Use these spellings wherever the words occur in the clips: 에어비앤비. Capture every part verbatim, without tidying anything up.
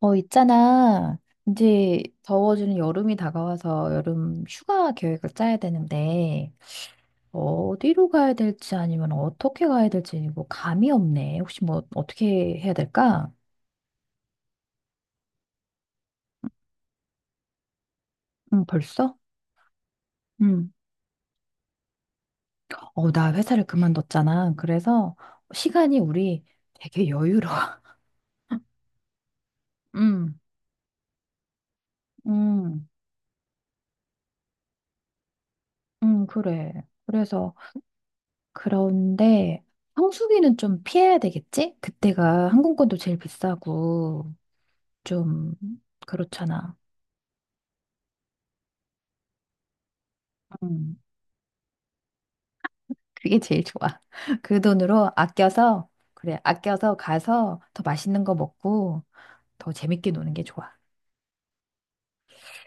어, 있잖아. 이제 더워지는 여름이 다가와서 여름 휴가 계획을 짜야 되는데, 어디로 가야 될지 아니면 어떻게 가야 될지 뭐 감이 없네. 혹시 뭐 어떻게 해야 될까? 응, 벌써? 응. 어, 나 회사를 그만뒀잖아. 그래서 시간이 우리 되게 여유로워. 응, 응, 응, 그래. 그래서 그런데 성수기는 좀 피해야 되겠지? 그때가 항공권도 제일 비싸고. 좀 그렇잖아. 음, 그게 제일 좋아. 그 돈으로 아껴서, 그래, 아껴서 가서 더 맛있는 거 먹고 더 재밌게 노는 게 좋아.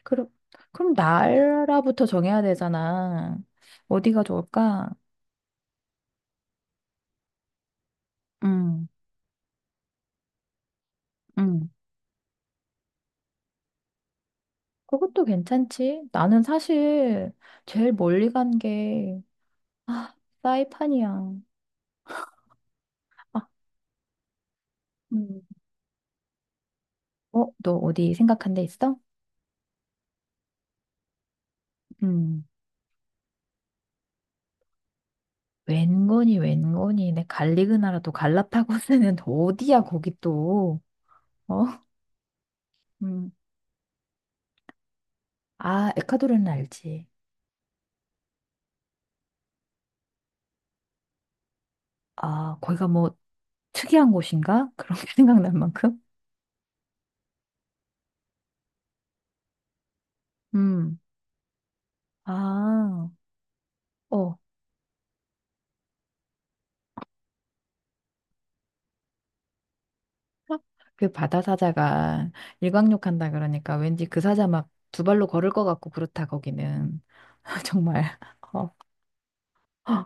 그럼 그럼 나라부터 정해야 되잖아. 어디가 좋을까? 음, 음. 그것도 괜찮지. 나는 사실 제일 멀리 간 게, 아, 사이판이야. 음. 어, 너 어디 생각한 데 있어? 음. 웬건이 웬건이 내 갈리그나라도 갈라파고스는 어디야 거기 또. 어? 음. 아, 에콰도르는 알지. 아, 거기가 뭐 특이한 곳인가? 그런 게 생각날 만큼. 음. 아. 어. 그 바다 사자가 일광욕한다 그러니까 왠지 그 사자 막 두 발로 걸을 것 같고 그렇다 거기는. 정말. 어. 어,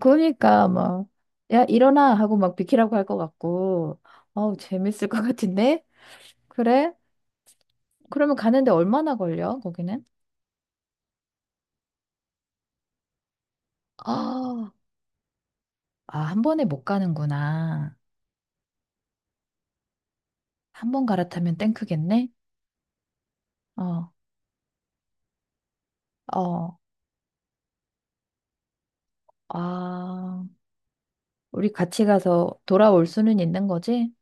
그러니까 막 야, 일어나 하고 막 비키라고 할 것 같고. 어우, 재밌을 것 같은데? 그래? 그러면 가는데 얼마나 걸려, 거기는? 아, 아, 한 번에 못 가는구나. 한 번 갈아타면 땡크겠네? 어, 어, 아. 우리 같이 가서 돌아올 수는 있는 거지?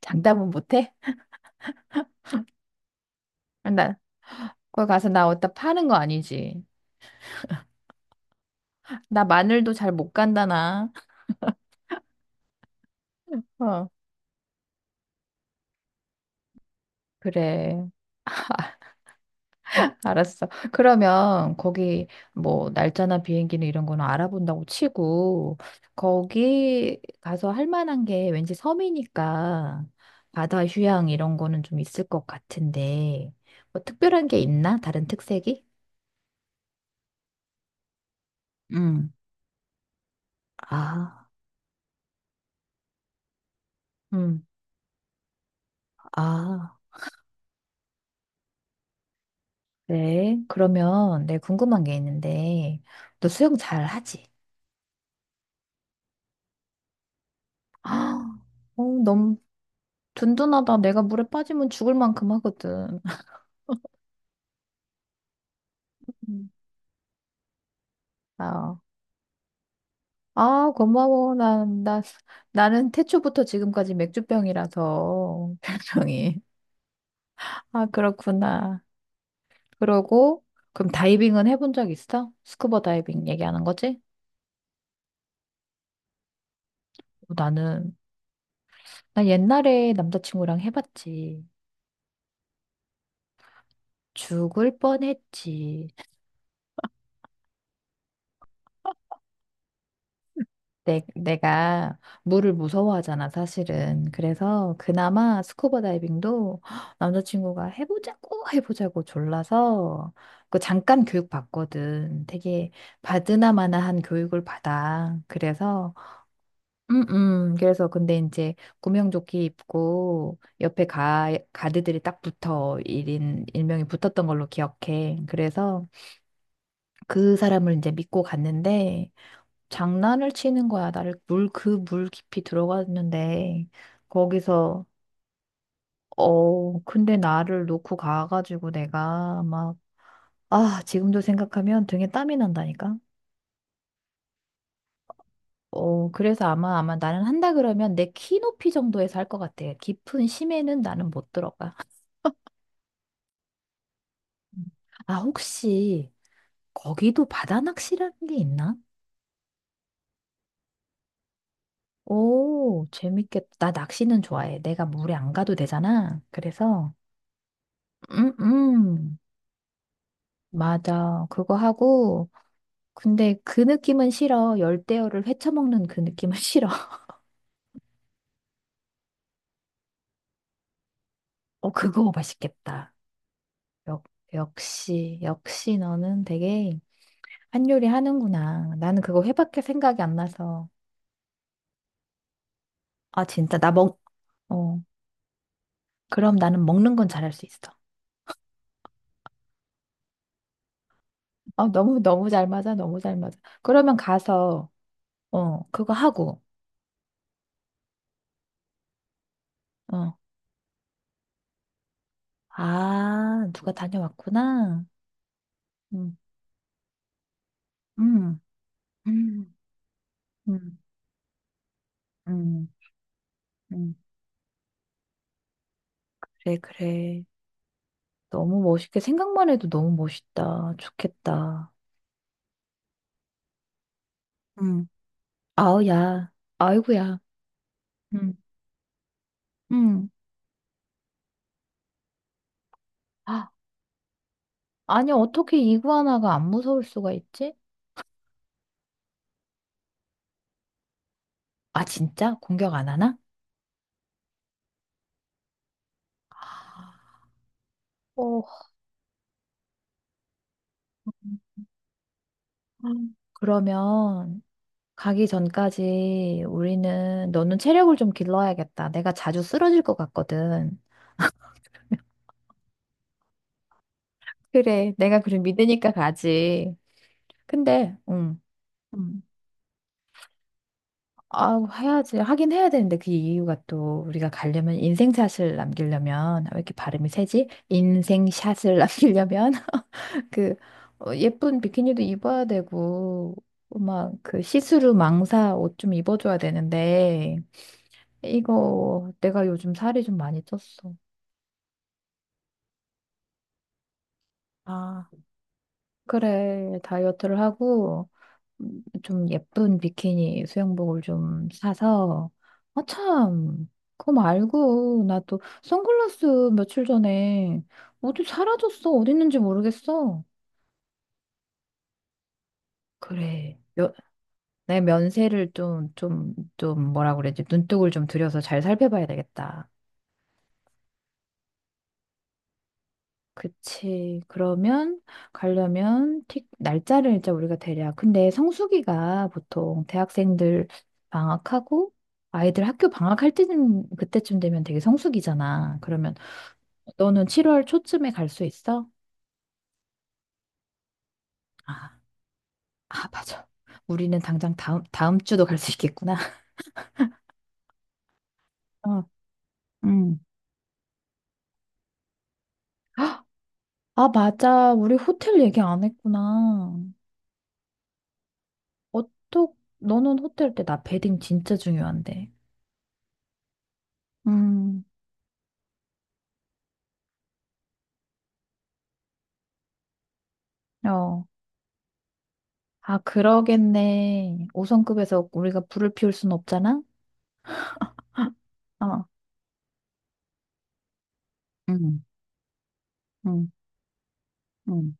장담은 못 해? 나, 거기 가서 나 어디다 파는 거 아니지? 나 마늘도 잘 못 간다, 나. 어, 그래. 알았어. 그러면 거기 뭐 날짜나 비행기는 이런 거는 알아본다고 치고 거기 가서 할 만한 게 왠지 섬이니까 바다 휴양 이런 거는 좀 있을 것 같은데 뭐 특별한 게 있나? 다른 특색이? 음, 아, 음. 아, 그 그러면 내가 궁금한 게 있는데 너 수영 잘 하지? 아, 어, 너무 든든하다. 내가 물에 빠지면 죽을 만큼 하거든. 음. 아, 아, 고마워. 난, 나, 나는 태초부터 지금까지 맥주병이라서, 별명이. 아, 그렇구나. 그러고, 그럼 다이빙은 해본 적 있어? 스쿠버 다이빙 얘기하는 거지? 어, 나는, 나 옛날에 남자친구랑 해봤지. 죽을 뻔했지. 내, 내가 물을 무서워하잖아, 사실은. 그래서 그나마 스쿠버 다이빙도 남자친구가 해보자고 해보자고 졸라서 그 잠깐 교육 받거든. 되게 받으나마나한 교육을 받아. 그래서 음, 음. 그래서 근데 이제 구명조끼 입고 옆에 가, 가드들이 딱 붙어. 일인 일명이 붙었던 걸로 기억해. 그래서 그 사람을 이제 믿고 갔는데 장난을 치는 거야. 나를 물, 그 물 깊이 들어갔는데, 거기서, 어, 근데 나를 놓고 가가지고 내가 막, 아, 지금도 생각하면 등에 땀이 난다니까? 어, 그래서 아마, 아마 나는 한다 그러면 내 키 높이 정도에서 할 것 같아. 깊은 심해는 나는 못 들어가. 음. 아, 혹시, 거기도 바다 낚시라는 게 있나? 오, 재밌겠다. 나 낚시는 좋아해. 내가 물에 안 가도 되잖아. 그래서, 음, 음. 맞아. 그거 하고, 근데 그 느낌은 싫어. 열대어를 헤쳐먹는 그 느낌은 싫어. 어, 그거 맛있겠다. 역, 역시, 역시 너는 되게 한 요리 하는구나. 나는 그거 회밖에 생각이 안 나서. 아, 진짜, 나 먹, 어, 그럼 나는 먹는 건 잘할 수 있어. 어, 너무, 너무 잘 맞아. 너무 잘 맞아. 그러면 가서, 어, 그거 하고, 어, 아, 누가 다녀왔구나. 음, 음, 음, 음, 음. 음. 그래, 그래. 너무 멋있게 생각만 해도 너무 멋있다. 좋겠다. 응, 아우, 야. 아이고야. 응, 응. 아, 아니, 어떻게 이구아나가 안 무서울 수가 있지? 아, 진짜? 공격 안 하나? 어, 음. 그러면 가기 전까지 우리는 너는 체력을 좀 길러야겠다. 내가 자주 쓰러질 것 같거든. 그래, 내가 그럼 믿으니까 가지. 근데, 응. 아, 해야지. 하긴 해야 되는데 그 이유가 또 우리가 가려면 인생샷을 남기려면 왜 이렇게 발음이 세지? 인생샷을 남기려면 그 어, 예쁜 비키니도 입어야 되고 막 그 시스루 망사 옷 좀 입어줘야 되는데 이거 내가 요즘 살이 좀 많이 쪘어. 아, 그래 다이어트를 하고 음, 좀 예쁜 비키니 수영복을 좀 사서 아 참 그거 말고 나 또 선글라스 며칠 전에 어디 사라졌어 어디 있는지 모르겠어 그래 며, 내 면세를 좀 좀 좀 뭐라 그래야지 눈독을 좀 들여서 잘 살펴봐야 되겠다 그치. 그러면 가려면 틱 날짜를 일단 우리가 대략. 근데 성수기가 보통 대학생들 방학하고 아이들 학교 방학할 때는 그때쯤 되면 되게 성수기잖아. 그러면 너는 칠월 초쯤에 갈 수 있어? 아, 아, 맞아. 우리는 당장 다음 다음 주도 갈 수 있겠구나. 어, 음. 아, 맞아. 우리 호텔 얘기 안 했구나. 어떡? 너는 호텔 때 나 베딩 진짜 중요한데. 음. 어. 아, 그러겠네. 오 성급에서 우리가 불을 피울 순 없잖아? 어. 응, 응, 응.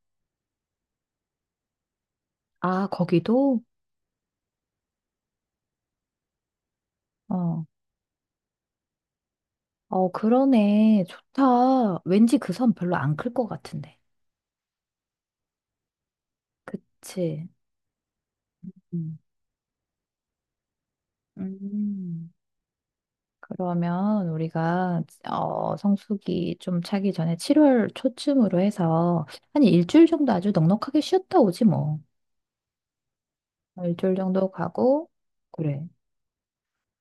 아, 거기도? 어. 어, 그러네. 좋다. 왠지 그 선 별로 안 클 것 같은데. 그치. 음, 음. 그러면 우리가 어, 성수기 좀 차기 전에 칠월 초쯤으로 해서 한 일주일 정도 아주 넉넉하게 쉬었다 오지 뭐. 어, 일주일 정도 가고, 그래.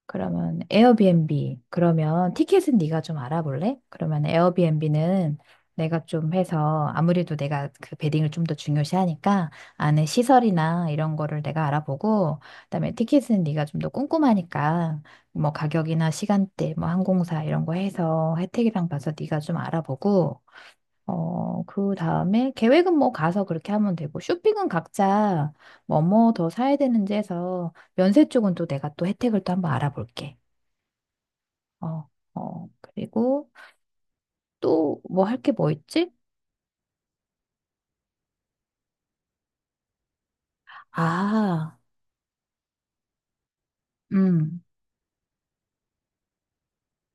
그러면 에어비앤비. 그러면 티켓은 네가 좀 알아볼래? 그러면 에어비앤비는 내가 좀 해서 아무래도 내가 그 베딩을 좀 더 중요시하니까 안에 시설이나 이런 거를 내가 알아보고 그다음에 티켓은 네가 좀 더 꼼꼼하니까 뭐 가격이나 시간대, 뭐 항공사 이런 거 해서 혜택이랑 봐서 네가 좀 알아보고 어, 그 다음에 계획은 뭐 가서 그렇게 하면 되고 쇼핑은 각자 뭐 뭐 더 사야 되는지 해서 면세 쪽은 또 내가 또 혜택을 또 한번 알아볼게. 어, 어, 그리고 또 뭐 할 게 뭐 있지? 아, 음,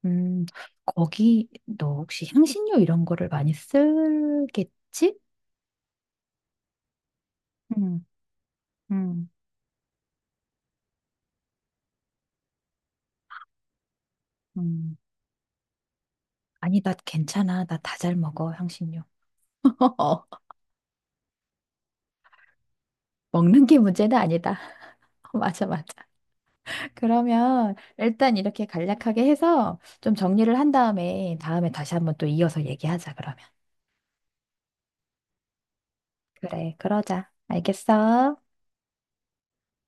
음, 거기 너 혹시 향신료 이런 거를 많이 쓰겠지? 음, 음, 음. 아니, 나 괜찮아. 나 다 잘 먹어, 향신료. 먹는 게 문제는 아니다. 맞아, 맞아. 그러면 일단 이렇게 간략하게 해서 좀 정리를 한 다음에 다음에 다시 한번 또 이어서 얘기하자, 그러면. 그래, 그러자. 알겠어?